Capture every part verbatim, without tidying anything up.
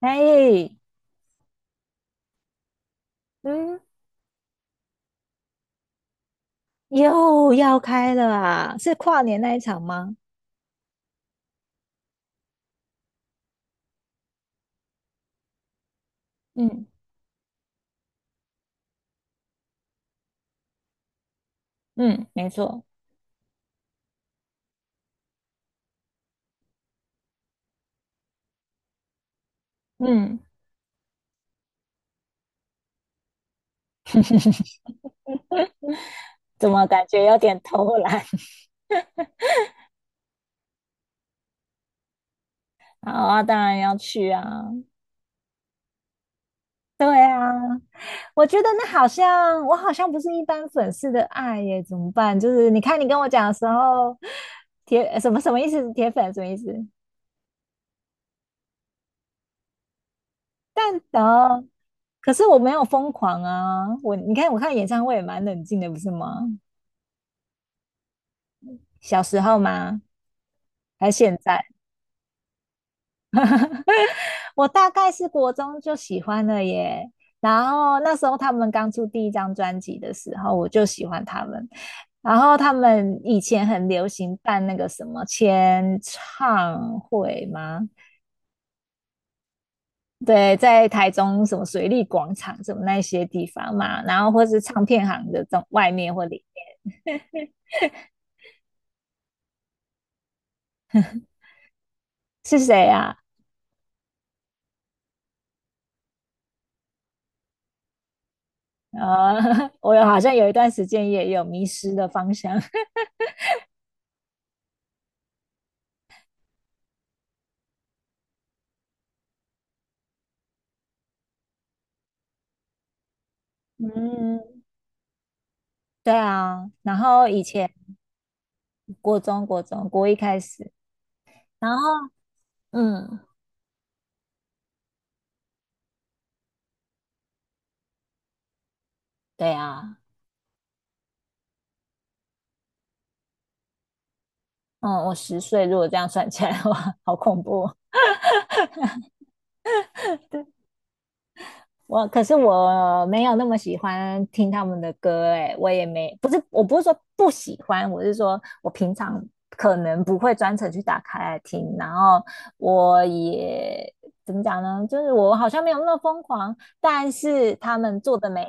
哎，嗯又要开了啊！是跨年那一场吗？嗯嗯，没错，嗯，怎么感觉有点偷懒？好啊，当然要去啊。我觉得那好像我好像不是一般粉丝的爱耶，怎么办？就是你看你跟我讲的时候，铁呃什么什么意思？铁粉什么意思？但哦，可是我没有疯狂啊！我你看我看演唱会也蛮冷静的，不是吗？小时候吗？还是现在？我大概是国中就喜欢了耶。然后那时候他们刚出第一张专辑的时候，我就喜欢他们。然后他们以前很流行办那个什么签唱会吗？对，在台中什么水利广场什么那些地方嘛，然后或是唱片行的中外面或里面，是谁啊？呃，我有好像有一段时间也有迷失的方向。嗯，对啊。然后以前国中国中国一开始，然后嗯，对啊，嗯，我十岁，如果这样算起来的话，好恐怖哦。对，我可是我没有那么喜欢听他们的歌，哎，我也没，不是，我不是说不喜欢，我是说我平常可能不会专程去打开来听，然后我也怎么讲呢？就是我好像没有那么疯狂，但是他们做的每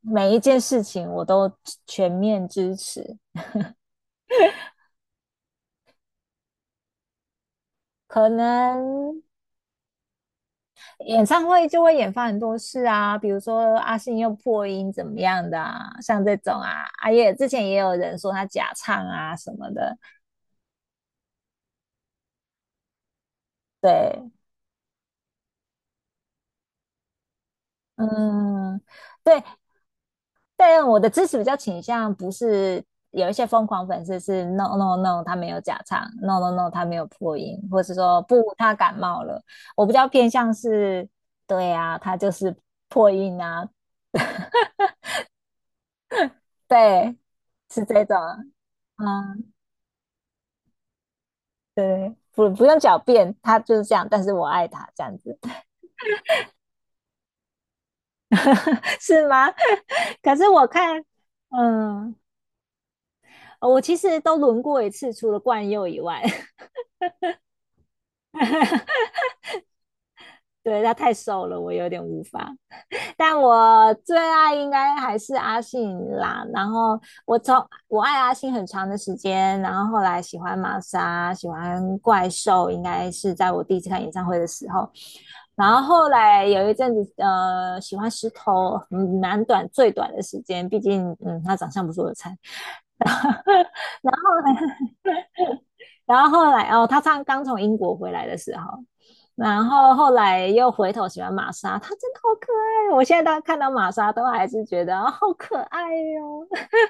每一件事情我都全面支持，可能演唱会就会演发很多事啊，比如说阿信又破音怎么样的啊，像这种啊，阿也之前也有人说他假唱啊什么的，对，嗯，对，但我的支持比较倾向不是有一些疯狂粉丝是 no no no 他没有假唱，no no no 他没有破音，或是说不他感冒了，我比较偏向是，对啊，他就是破音啊，对，是这种啊，嗯对，不不用狡辩，他就是这样，但是我爱他这样子，是吗？可是我看，嗯，我其实都轮过一次，除了冠佑以外，对他太瘦了，我有点无法。但我最爱应该还是阿信啦。然后我从我爱阿信很长的时间，然后后来喜欢玛莎，喜欢怪兽，应该是在我第一次看演唱会的时候。然后后来有一阵子，呃，喜欢石头，嗯，蛮短最短的时间，毕竟，嗯，他长相不是我的菜。然后后来哦，他唱刚从英国回来的时候，然后后来又回头喜欢玛莎，他真的好可爱哦。我现在到看到玛莎都还是觉得哦好可爱哦。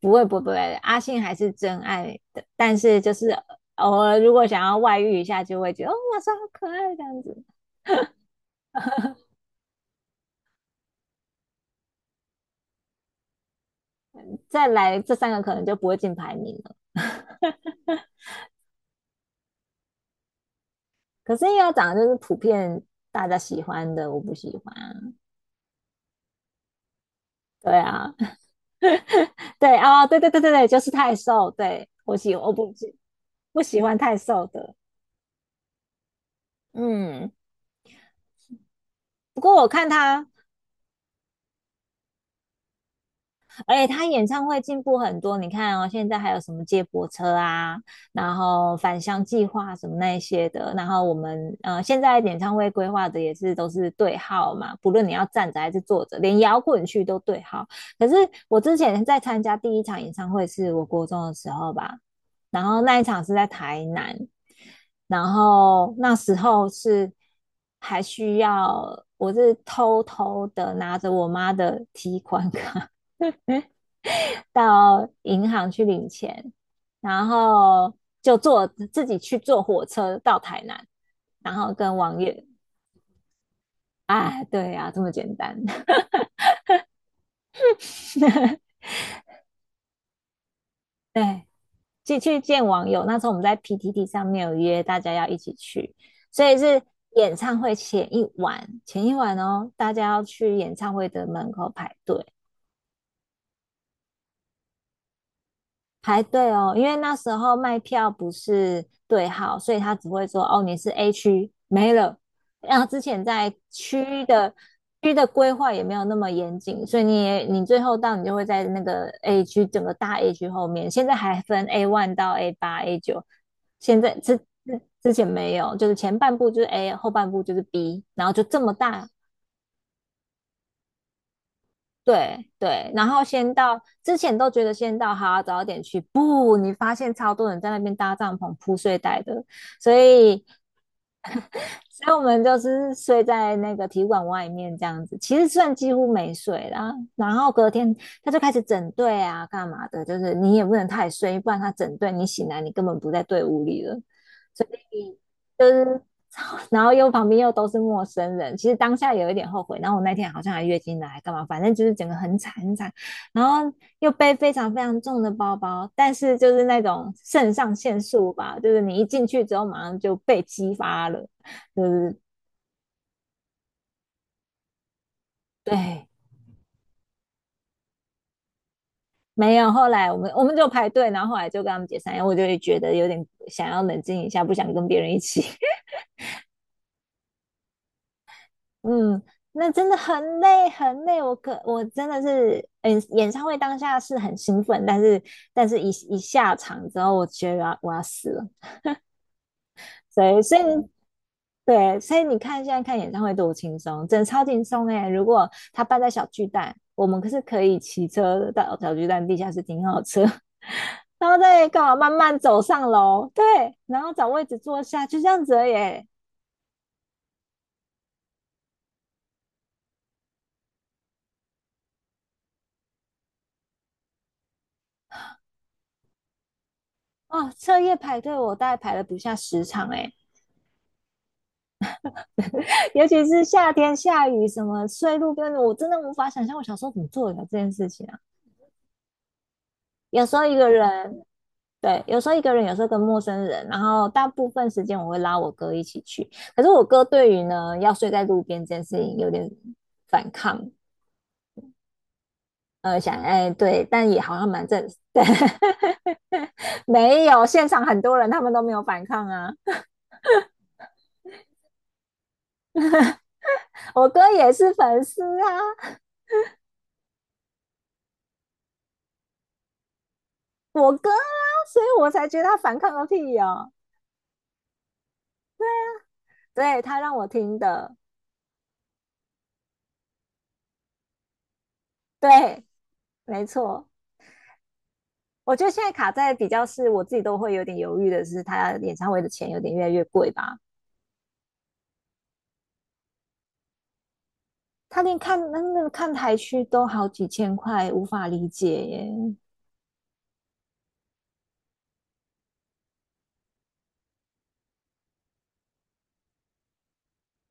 不会不会不会阿信还是真爱的，但是就是偶尔如果想要外遇一下，就会觉得哦玛莎好可爱这样子。再来这三个可能就不会进排名了。可是因为要讲的就是普遍大家喜欢的，我不喜欢啊。对啊，对啊，对对对对对，就是太瘦。对我喜我不不喜欢太瘦的。嗯，不过我看他而且他演唱会进步很多，你看哦，现在还有什么接驳车啊，然后返乡计划什么那一些的，然后我们呃现在演唱会规划的也是都是对号嘛，不论你要站着还是坐着，连摇滚区都对号。可是我之前在参加第一场演唱会是我国中的时候吧，然后那一场是在台南，然后那时候是还需要。我是偷偷的拿着我妈的提款卡到银行去领钱，然后就坐自己去坐火车到台南，然后跟网友，啊，对啊，这么简单，对，去去见网友。那时候我们在 P T T 上面有约大家要一起去，所以是演唱会前一晚，前一晚哦，大家要去演唱会的门口排队，排队哦，因为那时候卖票不是对号，所以他只会说哦，你是 A 区没了。然后之前在区的区的规划也没有那么严谨，所以你也你最后到你就会在那个 A 区整个大 A 区后面。现在还分 A one 到 A 八、A 九，现在之之之前没有，就是前半部就是 A，后半部就是 B，然后就这么大对对，然后先到之前都觉得先到好，早点去，不，你发现超多人在那边搭帐篷铺睡袋的，所以所以我们就是睡在那个体育馆外面这样子，其实算几乎没睡啦。然后隔天他就开始整队啊，干嘛的，就是你也不能太睡，不然他整队你醒来你根本不在队伍里了。就是然后又旁边又都是陌生人，其实当下有一点后悔。然后我那天好像还月经来，干嘛？反正就是整个很惨很惨，然后又背非常非常重的包包，但是就是那种肾上腺素吧，就是你一进去之后马上就被激发了，就是对。没有，后来我们我们就排队，然后后来就跟他们解散，因为我就会觉得有点想要冷静一下，不想跟别人一起。嗯，那真的很累很累，我可我真的是，嗯，演唱会当下是很兴奋，但是但是一一下场之后，我觉得我要死了，所以所以对，所以你看现在看演唱会多轻松，真的超轻松哎！如果他办在小巨蛋，我们可是可以骑车到小巨蛋地下室停好车，然后再干嘛慢慢走上楼，对，然后找位置坐下，就这样子耶。哦，彻夜排队，我大概排了不下十场哎、尤其是夏天下雨，什么睡路边我真的无法想象我小时候怎么做的这件事情啊！有时候一个人，对，有时候一个人，有时候跟陌生人，然后大部分时间我会拉我哥一起去。可是我哥对于呢要睡在路边这件事情有点反抗，呃，想哎对，但也好像蛮正，对，没有现场很多人他们都没有反抗啊，我哥也是粉丝啊，我哥啊，所以我才觉得他反抗个屁哦，对他让我听的。对，没错。我觉得现在卡在比较是我自己都会有点犹豫的是，他演唱会的钱有点越来越贵吧？他连看那那个看台区都好几千块，无法理解耶。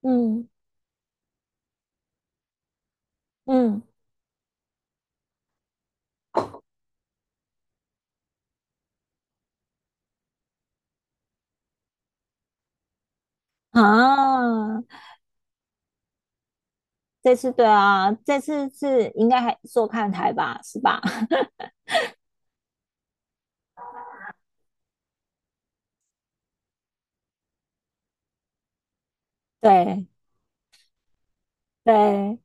嗯嗯啊，这次对啊，这次是应该还做看台吧，是吧？对对，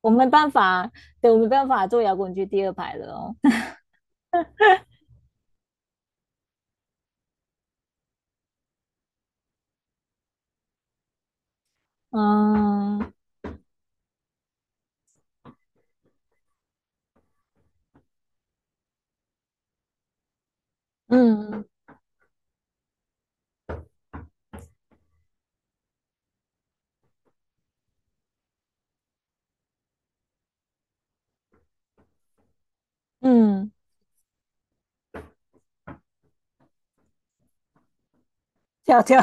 我没办法，对我没办法做摇滚区第二排了哦。嗯嗯嗯，跳跳。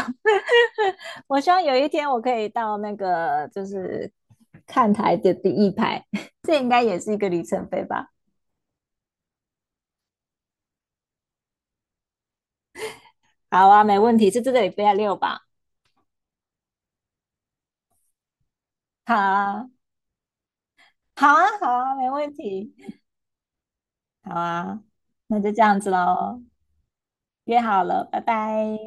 我希望有一天我可以到那个就是看台的第一排，这应该也是一个里程碑吧？好啊，没问题，是这个礼拜六吧？好啊，好啊，好啊，没问题，好啊，那就这样子喽，约好了，拜拜。